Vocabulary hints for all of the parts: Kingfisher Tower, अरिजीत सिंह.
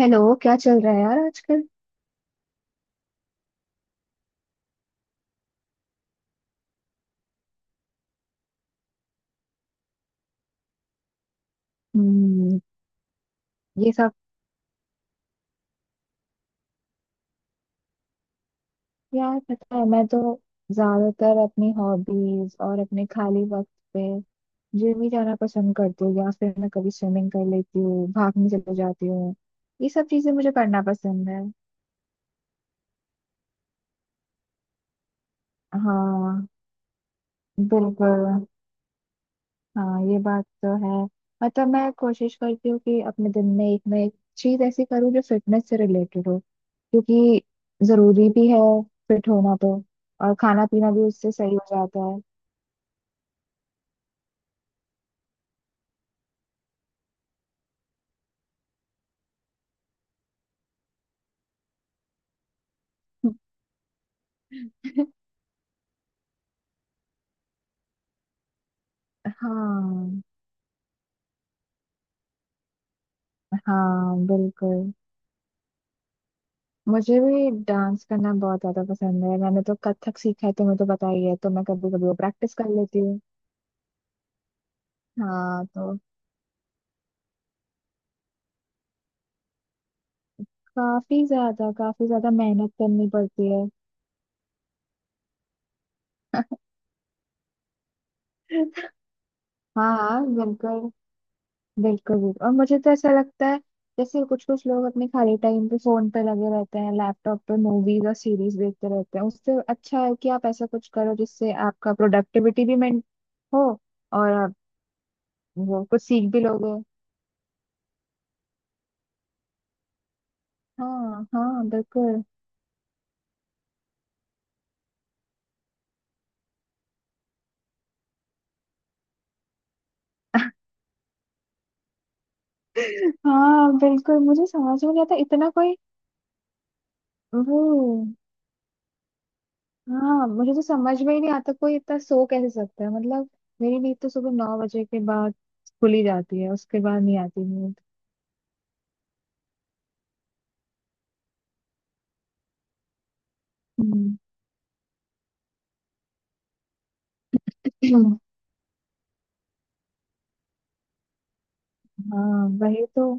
Hello, क्या चल रहा है यार आजकल। हम्म। ये सब। यार पता है, मैं तो ज्यादातर अपनी हॉबीज और अपने खाली वक्त पे जिम ही जाना पसंद करती हूँ, या फिर मैं कभी स्विमिंग कर लेती हूँ, भागने चले जाती हूँ। ये सब चीजें मुझे करना पसंद है। हाँ, बिल्कुल। हाँ, ये बात तो है। मतलब मैं कोशिश करती हूँ कि अपने दिन में एक ना एक चीज ऐसी करूँ जो फिटनेस से रिलेटेड हो, क्योंकि जरूरी भी है फिट होना तो। और खाना पीना भी उससे सही हो जाता है। हाँ। हाँ, बिल्कुल। मुझे भी डांस करना बहुत ज्यादा पसंद है। मैंने तो कथक सीखा है, तुम्हें तो पता ही है, तो मैं कभी कभी वो प्रैक्टिस कर लेती हूँ। हाँ तो काफी ज्यादा, काफी ज्यादा मेहनत करनी पड़ती है। हाँ हाँ बिल्कुल। बिल्कुल बिल्कुल। और मुझे तो ऐसा लगता है जैसे कुछ कुछ लोग अपने खाली टाइम पे फोन पे लगे रहते हैं, लैपटॉप पे मूवीज और सीरीज देखते रहते हैं। उससे अच्छा है कि आप ऐसा कुछ करो जिससे आपका प्रोडक्टिविटी भी मेंट हो, और आप वो कुछ सीख भी लोगे। हाँ हाँ बिल्कुल। हाँ, बिल्कुल। मुझे समझ में नहीं आता इतना कोई। वो, हाँ, मुझे तो समझ में ही नहीं आता कोई इतना सो कैसे सकता है। मतलब मेरी नींद तो सुबह 9 बजे के बाद खुली जाती है, उसके बाद नहीं आती नींद। हम्म। हाँ वही तो,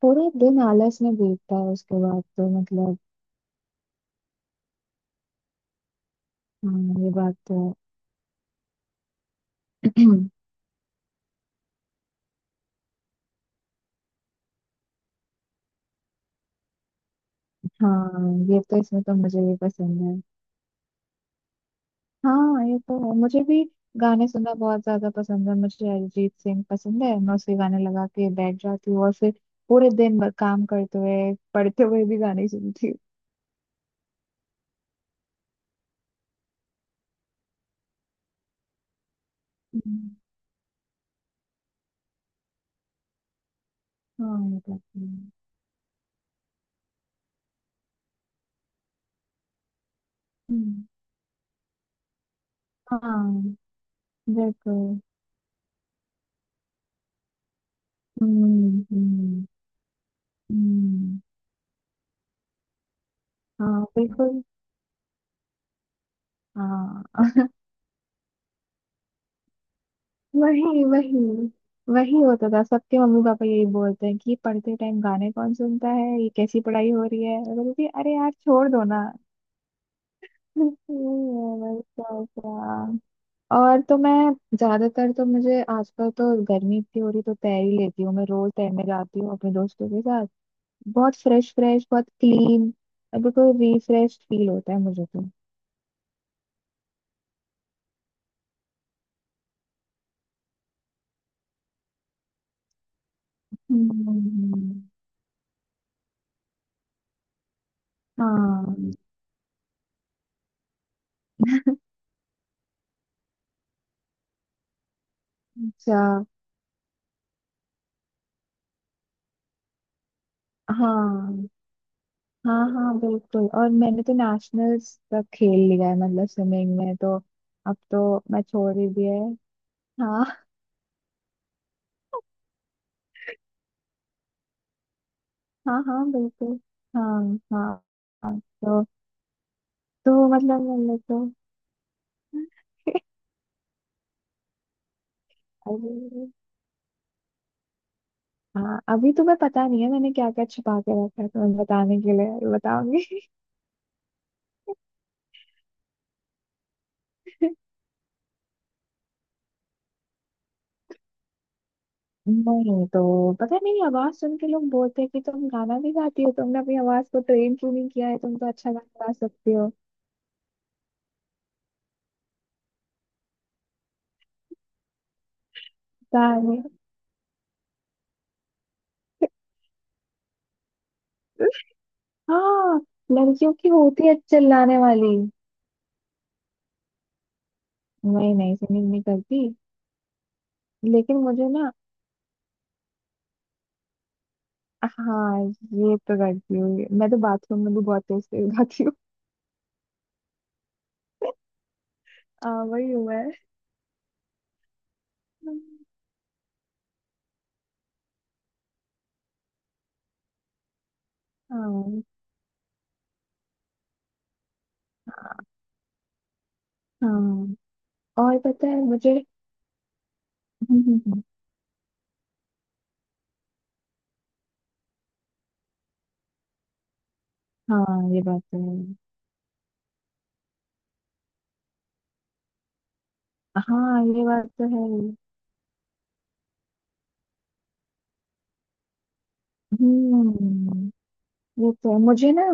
पूरे दिन आलस में बीतता है उसके बाद तो, मतलब। हाँ, ये बात तो है। हाँ, ये तो इसमें तो मुझे भी पसंद है। हाँ, ये तो है मुझे भी। गाने सुनना बहुत ज्यादा पसंद है मुझे, अरिजीत सिंह पसंद है, मैं उसके गाने लगा के बैठ जाती हूँ और फिर पूरे दिन भर काम करते हुए, पढ़ते हुए भी गाने ही सुनती हूँ। हम्म। हाँ, ये बात तो है। हम्म। हाँ, बिल्कुल। हम्म हम्म हम्म। हाँ, बिल्कुल। हाँ, वही वही। वही होता था, सबके मम्मी पापा यही बोलते हैं कि पढ़ते टाइम गाने कौन सुनता है, ये कैसी पढ़ाई हो रही है। मैं बोलती थी, अरे यार छोड़ दो ना। वही तो क्या। और तो मैं ज्यादातर तो, मुझे आजकल तो गर्मी इतनी हो रही, तो तैर ही लेती हूँ। मैं रोज तैरने जाती हूँ अपने दोस्तों के साथ। बहुत फ्रेश फ्रेश, बहुत क्लीन, बिल्कुल रिफ्रेश फील होता है मुझे तो। हम्म। हाँ। अच्छा। हाँ हाँ हाँ बिल्कुल, और मैंने तो नेशनल्स तक खेल लिया है मतलब स्विमिंग में तो। अब तो मैं छोड़ ही दिया है। हाँ हाँ। हाँ, बिल्कुल। हाँ हाँ। हाँ, तो मतलब मैंने तो, अभी। हाँ, अभी तुम्हें पता नहीं है, मैंने क्या क्या छिपा के रखा है तुम्हें बताने के लिए, बताऊंगी। नहीं, तो पता नहीं, आवाज सुन के लोग बोलते हैं कि तुम गाना भी गाती हो, तुमने अपनी आवाज को ट्रेन क्यों नहीं किया है, तुम तो अच्छा गाना गा सकती हो। गाने, हाँ, लड़कियों की होती है चिल्लाने वाली। मैं नहीं, सिंगिंग नहीं करती। लेकिन मुझे ना, हाँ, ये तो करती हूँ, मैं तो बाथरूम में भी बहुत तेज तेज गाती हूँ। हाँ, वही हुआ है। हाँ हाँ। और पता है मुझे, हम्म हम्म हम्म। हाँ, ये बात तो है। हाँ, ये बात तो है। हम्म। ये तो है मुझे ना,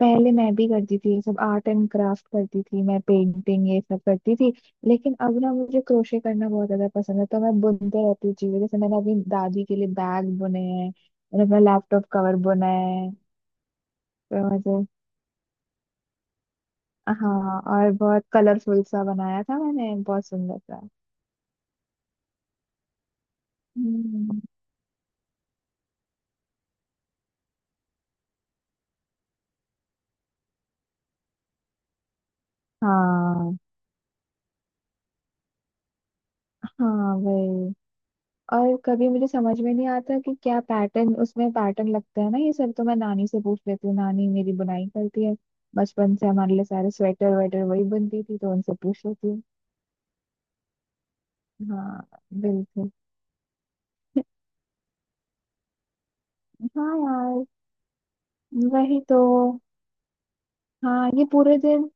पहले मैं भी करती थी ये सब, आर्ट एंड क्राफ्ट करती थी, मैं पेंटिंग ये सब करती थी। लेकिन अब ना मुझे क्रोशे करना बहुत ज्यादा पसंद है, तो मैं बुनते रहती हूँ चीजें, जैसे मैंने अपनी दादी के लिए बैग बुने हैं, मैंने अपना लैपटॉप कवर बुना है। तो मुझे, हाँ, और बहुत कलरफुल सा बनाया था मैंने, बहुत सुंदर सा। हम्म। हाँ हाँ वही। और कभी मुझे समझ में नहीं आता कि क्या पैटर्न, उसमें पैटर्न लगता है ना ये सब, तो मैं नानी से पूछ लेती हूँ, नानी मेरी बुनाई करती है, बचपन से हमारे लिए सारे स्वेटर वेटर वही बनती थी, तो उनसे पूछ लेती हूँ। हाँ, बिल्कुल। हाँ यार, वही तो। हाँ, ये पूरे दिन,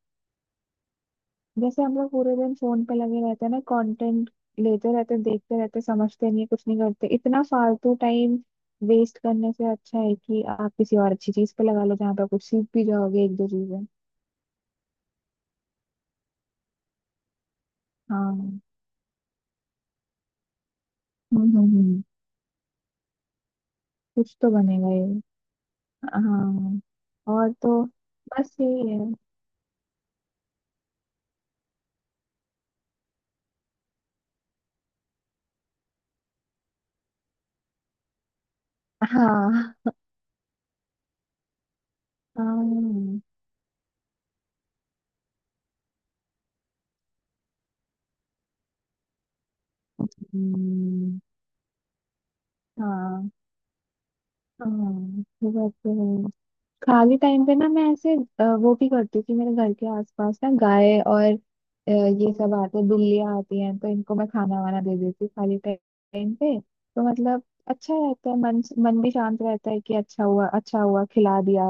जैसे हम लोग पूरे दिन फोन पे लगे रहते हैं ना, कंटेंट लेते रहते हैं, देखते रहते हैं, समझते नहीं कुछ नहीं करते। इतना फालतू टाइम वेस्ट करने से अच्छा है कि आप किसी और अच्छी चीज पे लगा लो, जहाँ पे आप कुछ सीख भी जाओगे एक दो चीजें। हाँ। हम्म हम्म। कुछ तो बनेगा ये। हाँ। और तो बस ये है। हाँ हाँ। हम्म। हाँ। हाँ, ये बात तो है। खाली टाइम पे ना, मैं ऐसे वो भी करती हूँ कि मेरे घर के आसपास ना गाय और ये सब आते हैं, बिल्लियाँ आती हैं, तो इनको मैं खाना वाना दे देती हूँ खाली टाइम पे, तो मतलब अच्छा रहता है। मन मन भी शांत रहता है कि अच्छा हुआ, अच्छा हुआ, खिला दिया।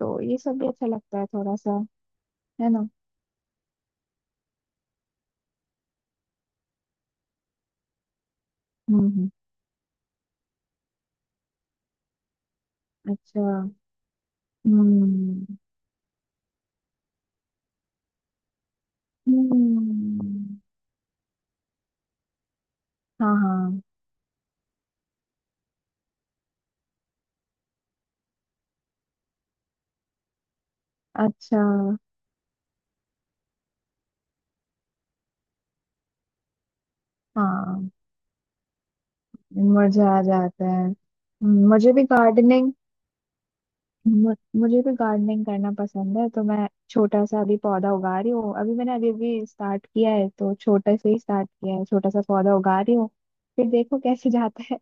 तो ये सब भी अच्छा लगता है थोड़ा सा, है ना। हम्म। अच्छा। हम्म हम्म। हाँ हाँ। अच्छा। हाँ, मजा आ जाता है। मुझे भी गार्डनिंग, मु- मुझे भी गार्डनिंग करना पसंद है, तो मैं छोटा सा अभी पौधा उगा रही हूँ, अभी मैंने अभी अभी स्टार्ट किया है, तो छोटे से ही स्टार्ट किया है, छोटा सा पौधा उगा रही हूँ, फिर देखो कैसे जाता है।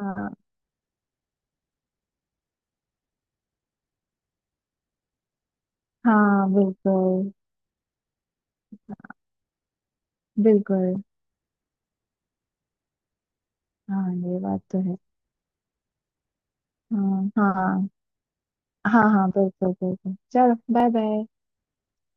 हाँ। हाँ बिल्कुल बिल्कुल। हाँ, ये बात तो है। हाँ हाँ हाँ। हाँ, बिल्कुल बिल्कुल, चलो बाय बाय।